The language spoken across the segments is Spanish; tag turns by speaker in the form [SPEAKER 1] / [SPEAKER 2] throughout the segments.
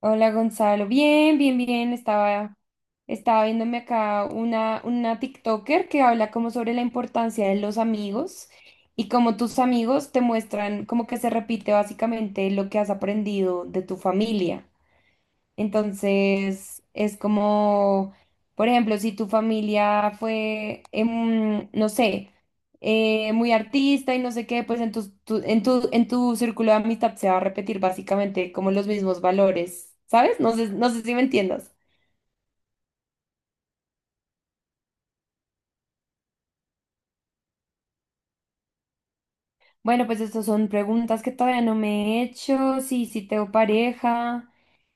[SPEAKER 1] Hola Gonzalo, bien, bien, bien. Estaba viéndome acá una TikToker que habla como sobre la importancia de los amigos y cómo tus amigos te muestran como que se repite básicamente lo que has aprendido de tu familia. Entonces, es como, por ejemplo, si tu familia fue, no sé, muy artista y no sé qué, pues en tu círculo de amistad se va a repetir básicamente como los mismos valores, ¿sabes? No sé, no sé si me entiendas. Bueno, pues estas son preguntas que todavía no me he hecho. Sí, sí tengo pareja,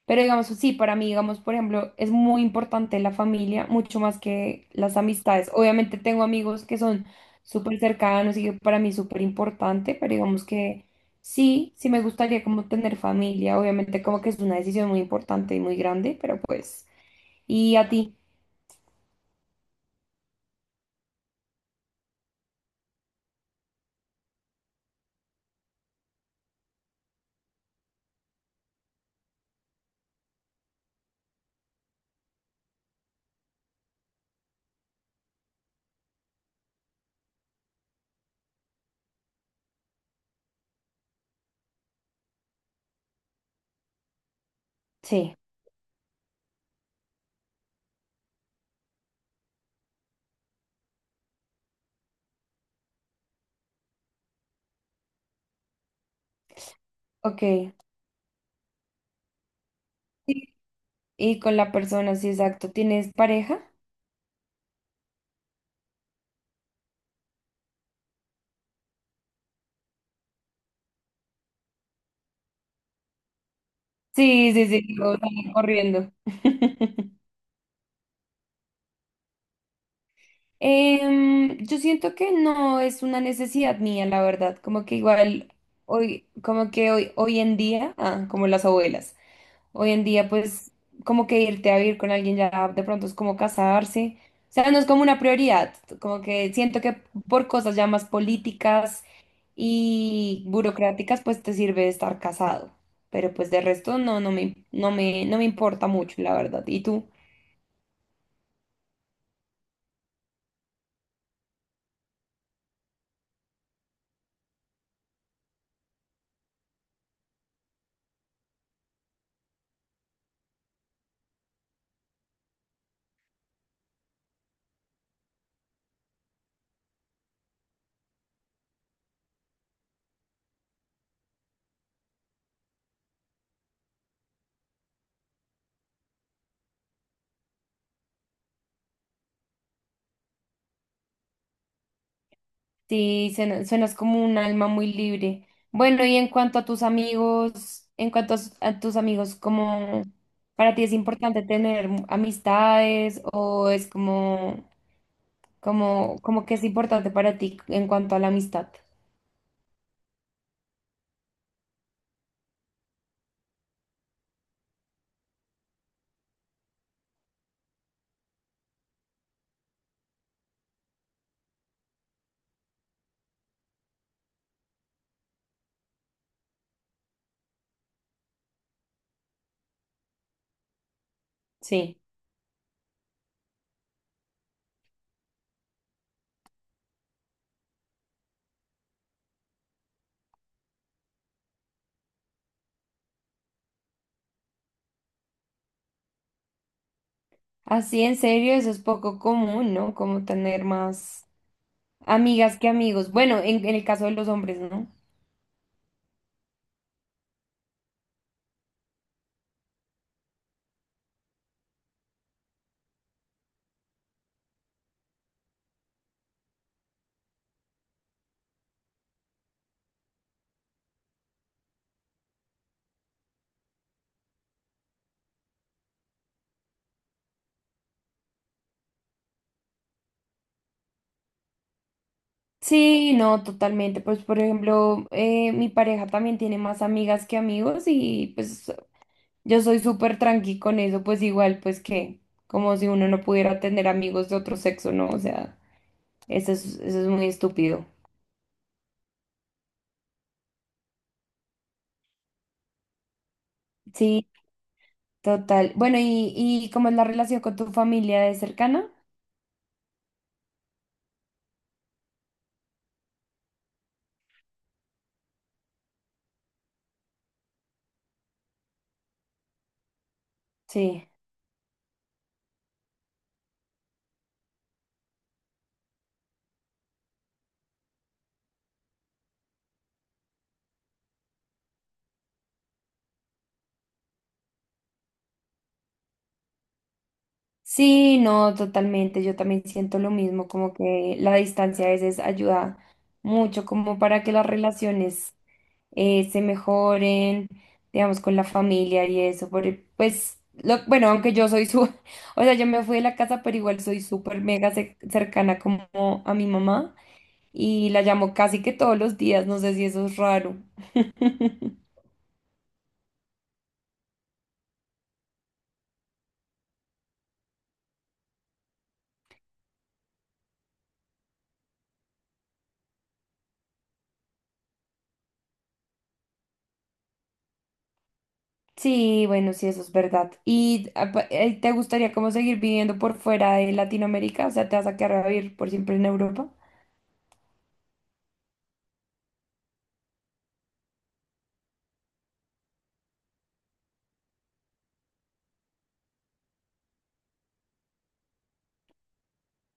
[SPEAKER 1] pero digamos, sí, para mí, digamos, por ejemplo, es muy importante la familia, mucho más que las amistades. Obviamente tengo amigos que son súper cercanos y que para mí es súper importante, pero digamos que sí, sí me gustaría como tener familia, obviamente como que es una decisión muy importante y muy grande, pero pues, ¿y a ti? Sí, ok. Sí. Y con la persona, sí, exacto. ¿Tienes pareja? Sí, sí, sí, digo, sale corriendo. Yo siento que no es una necesidad mía, la verdad. Como que igual hoy, como que hoy en día, ah, como las abuelas, hoy en día, pues, como que irte a vivir con alguien ya de pronto es como casarse. O sea, no es como una prioridad. Como que siento que por cosas ya más políticas y burocráticas, pues te sirve estar casado. Pero pues de resto no, no me importa mucho, la verdad. ¿Y tú? Sí, suenas como un alma muy libre. Bueno, y en cuanto a tus amigos, en cuanto a, s- a tus amigos, ¿cómo para ti es importante tener amistades o es como que es importante para ti en cuanto a la amistad? Sí. Así, en serio, eso es poco común, ¿no? Como tener más amigas que amigos. Bueno, en el caso de los hombres, ¿no? Sí, no, totalmente. Pues, por ejemplo, mi pareja también tiene más amigas que amigos y pues yo soy súper tranqui con eso, pues igual, pues que, como si uno no pudiera tener amigos de otro sexo, ¿no? O sea, eso es muy estúpido. Sí, total. Bueno, ¿y cómo es la relación con tu familia? ¿Es cercana? Sí. Sí, no, totalmente. Yo también siento lo mismo, como que la distancia a veces ayuda mucho como para que las relaciones se mejoren, digamos, con la familia y eso, pues, bueno, aunque yo soy o sea, yo me fui de la casa, pero igual soy súper mega cercana como a mi mamá y la llamo casi que todos los días, no sé si eso es raro. Sí, bueno, sí, eso es verdad. ¿Y te gustaría como seguir viviendo por fuera de Latinoamérica? O sea, ¿te vas a quedar a vivir por siempre en Europa?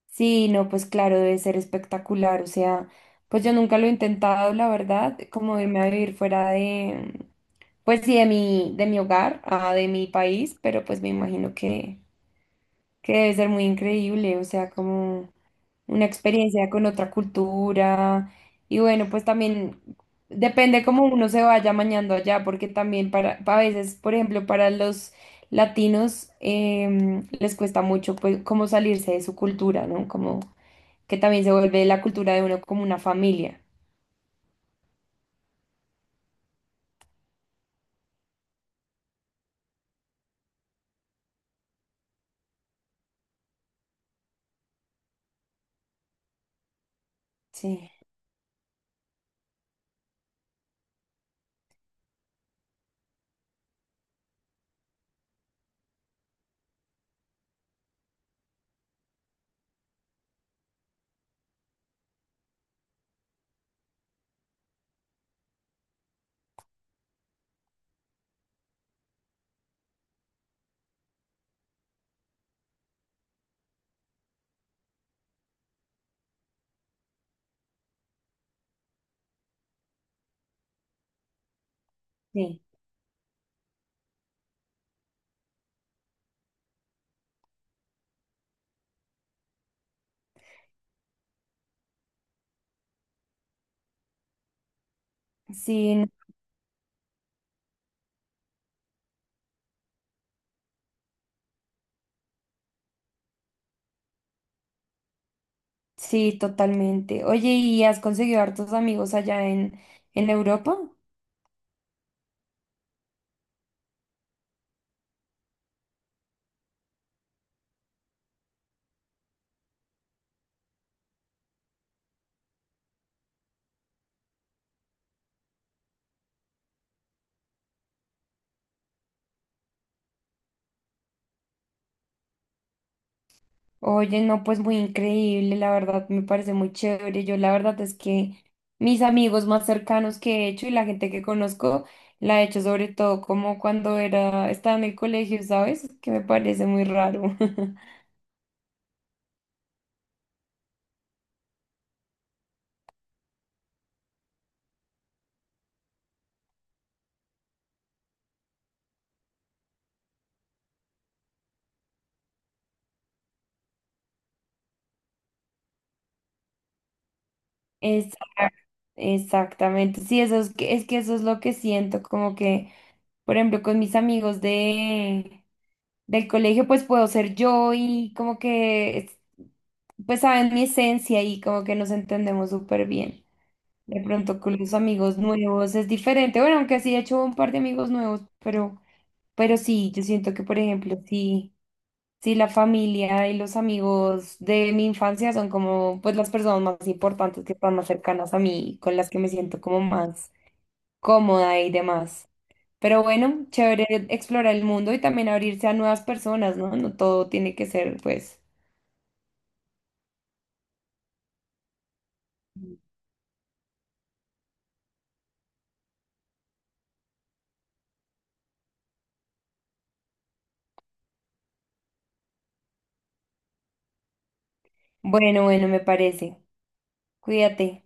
[SPEAKER 1] Sí, no, pues claro, debe ser espectacular. O sea, pues yo nunca lo he intentado, la verdad, como irme a vivir fuera de, pues sí, de mi hogar, de mi país, pero pues me imagino que, debe ser muy increíble. O sea, como una experiencia con otra cultura. Y bueno, pues también depende cómo uno se vaya mañando allá, porque también a veces, por ejemplo, para los latinos les cuesta mucho, pues, como salirse de su cultura, ¿no? Como que también se vuelve la cultura de uno como una familia. Sí, sí, sí, sí, totalmente. Oye, ¿y has conseguido hartos amigos allá en Europa? Oye, no, pues muy increíble, la verdad, me parece muy chévere. Yo la verdad es que mis amigos más cercanos que he hecho y la gente que conozco, la he hecho sobre todo como cuando estaba en el colegio, ¿sabes? Que me parece muy raro. Exacto. Exactamente, sí, es que eso es lo que siento, como que por ejemplo, con mis amigos del colegio, pues puedo ser yo y como que, pues saben mi esencia y como que nos entendemos súper bien. De pronto con los amigos nuevos es diferente. Bueno, aunque sí he hecho un par de amigos nuevos, pero sí, yo siento que, por ejemplo, sí, sí la familia y los amigos de mi infancia son como, pues las personas más importantes que están más cercanas a mí, con las que me siento como más cómoda y demás. Pero bueno, chévere explorar el mundo y también abrirse a nuevas personas, ¿no? No todo tiene que ser, pues. Bueno, bueno, me parece. Cuídate.